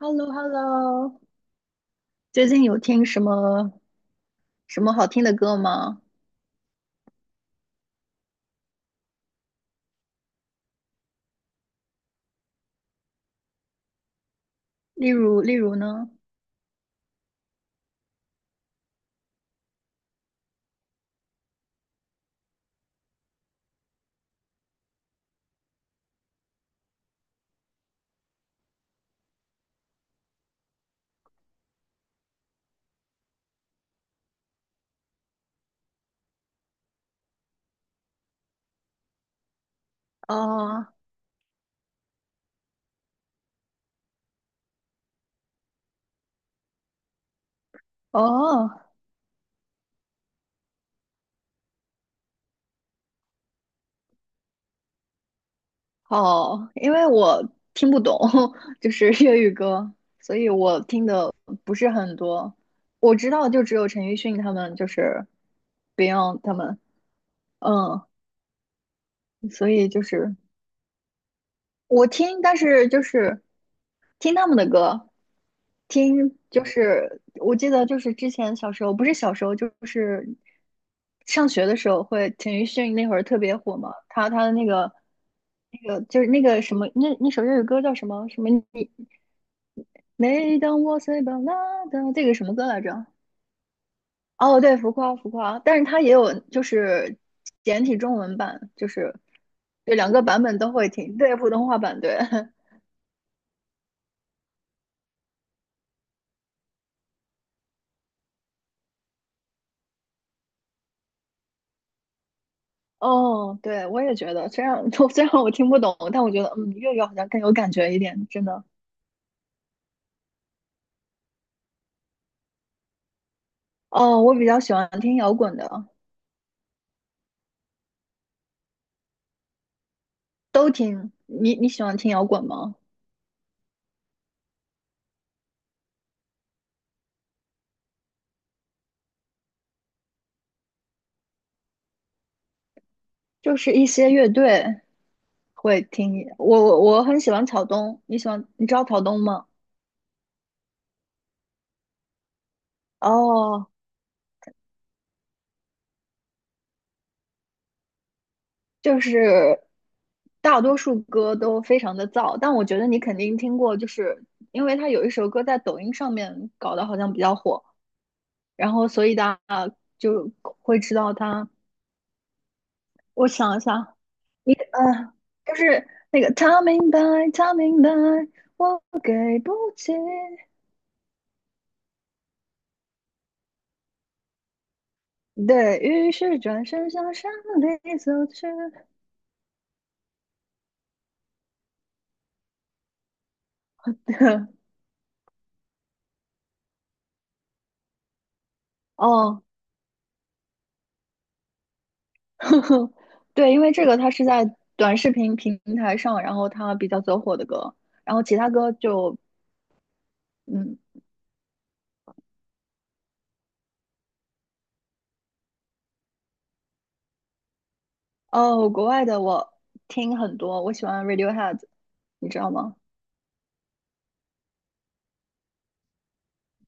h e l l o Hello 最近有听什么好听的歌吗？例如呢？哦哦，好，因为我听不懂，就是粤语歌，所以我听的不是很多。我知道就只有陈奕迅他们，就是 Beyond 他们，嗯，所以就是我听，但是就是听他们的歌，听就是我记得就是之前小时候，不是小时候就是上学的时候会，陈奕迅那会儿特别火嘛，他的那个就是那个什么那首粤语歌叫什么什么你每当我睡吧啦的这个什么歌来着？哦，对，浮夸浮夸，但是它也有就是简体中文版，就是这两个版本都会听，对，普通话版对。哦，对，我也觉得这样。虽然我听不懂，但我觉得粤语好像更有感觉一点，真的。哦，我比较喜欢听摇滚的，都听。你喜欢听摇滚吗？就是一些乐队会听。我很喜欢草东，你喜欢？你知道草东吗？哦，就是大多数歌都非常的燥，但我觉得你肯定听过，就是因为他有一首歌在抖音上面搞得好像比较火，然后所以大家就会知道他。我想一下，你个呃，就是那个他明白，他明白，我给不起。对，于是转身向山里走去。哦，对，因为这个它是在短视频平台上，然后它比较走火的歌，然后其他歌就嗯哦，国外的我听很多，我喜欢 Radiohead，你知道吗？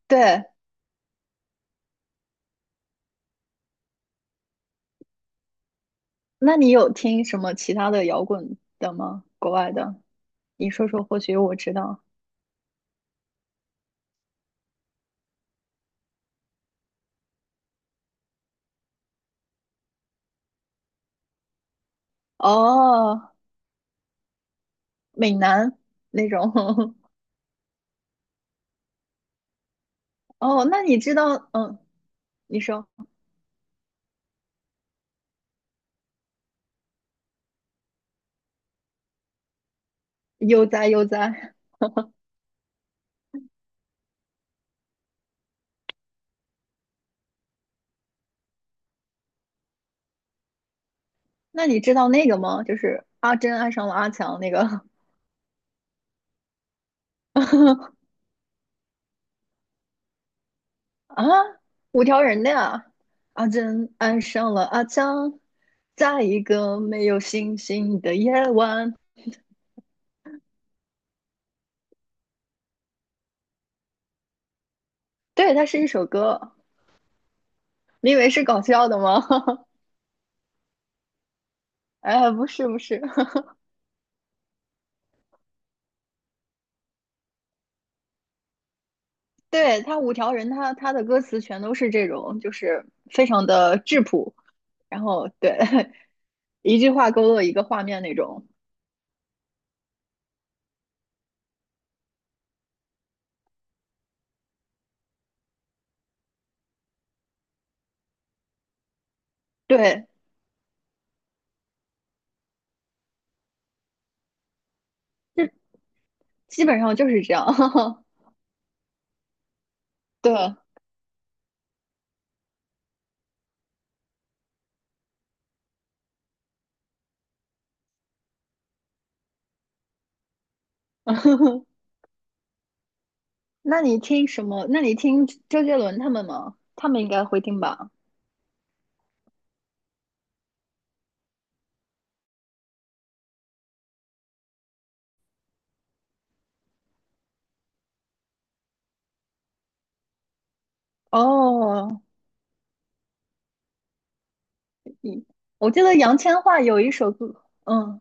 对，那你有听什么其他的摇滚的吗？国外的，你说说，或许我知道。哦，美男那种。哦，那你知道，你说悠哉悠哉，那你知道那个吗？就是阿珍爱上了阿强那个 啊，五条人的呀。阿珍爱上了阿强，在一个没有星星的夜晚。对，它是一首歌。你以为是搞笑的吗？哎，不是不是，对，五条人他的歌词全都是这种，就是非常的质朴，然后对，一句话勾勒一个画面那种，对，这基本上就是这样。对，那你听什么？那你听周杰伦他们吗？他们应该会听吧？哦，我记得杨千嬅有一首歌，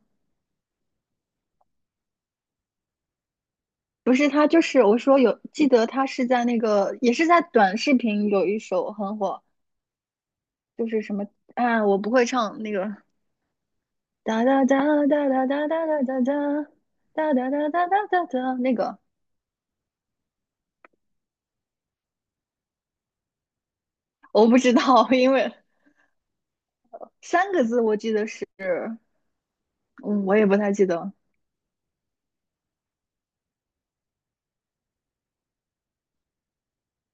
不是他，就是我说有，记得他是在那个，也是在短视频有一首很火，就是什么啊，我不会唱那个哒哒哒哒哒哒哒哒哒哒哒哒哒哒哒哒哒，那个我不知道，因为三个字我记得是，嗯，我也不太记得。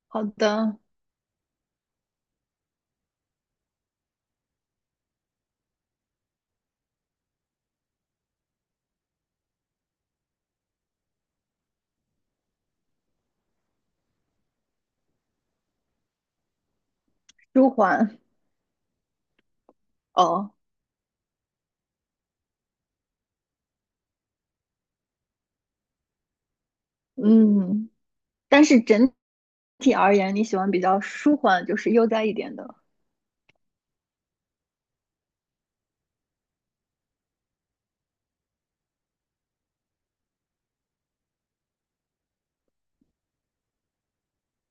好的，舒缓，哦，嗯，但是整体而言，你喜欢比较舒缓，就是悠哉一点的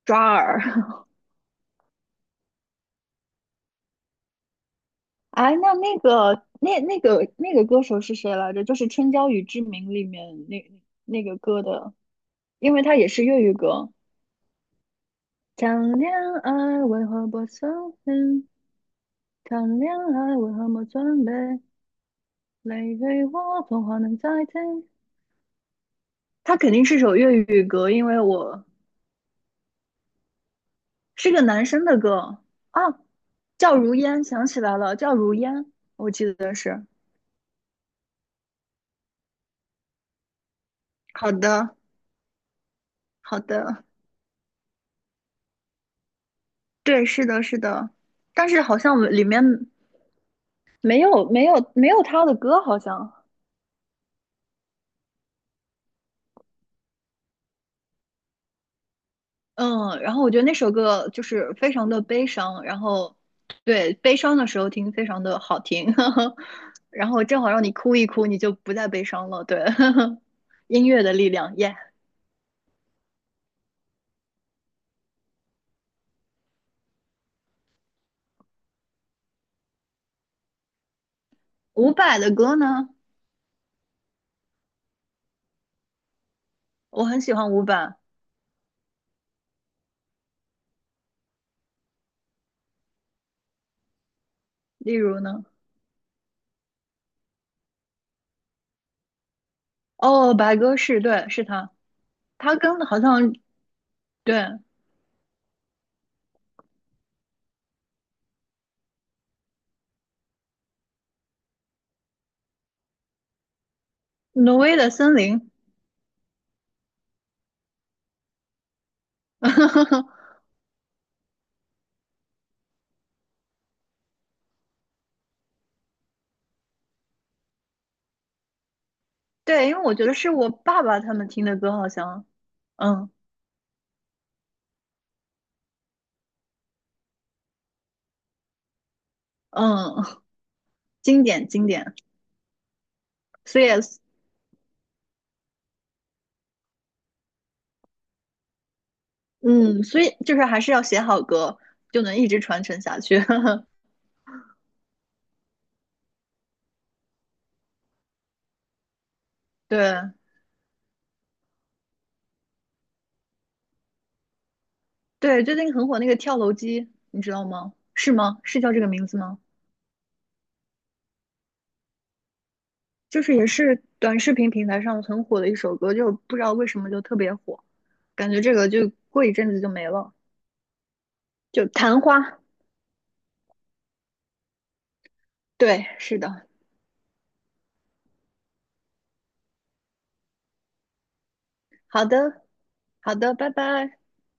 抓耳。哎，那个歌手是谁来着？就是《春娇与志明》里面那个歌的，因为它也是粤语歌。谈恋爱为何不收心？谈恋爱为何不准备？泪给我，童话能再听。它肯定是首粤语歌，因为我是个男生的歌啊，叫如烟，想起来了，叫如烟，我记得是。好的，好的，对，是的，是的，但是好像里面没有他的歌，好像。嗯，然后我觉得那首歌就是非常的悲伤，然后对悲伤的时候听非常的好听，然后正好让你哭一哭，你就不再悲伤了。对，音乐的力量，耶、伍佰的歌呢，我很喜欢伍佰，例如呢，哦，白鸽是，对，是他，他跟好像对挪威的森林，对，因为我觉得是我爸爸他们听的歌，好像，嗯嗯，经典经典，所以嗯，所以就是还是要写好歌，就能一直传承下去。对对，最近很火那个跳楼机，你知道吗？是吗？是叫这个名字吗？就是也是短视频平台上很火的一首歌，就不知道为什么就特别火，感觉这个就过一阵子就没了。就昙花，对，是的，好的，好的，拜拜。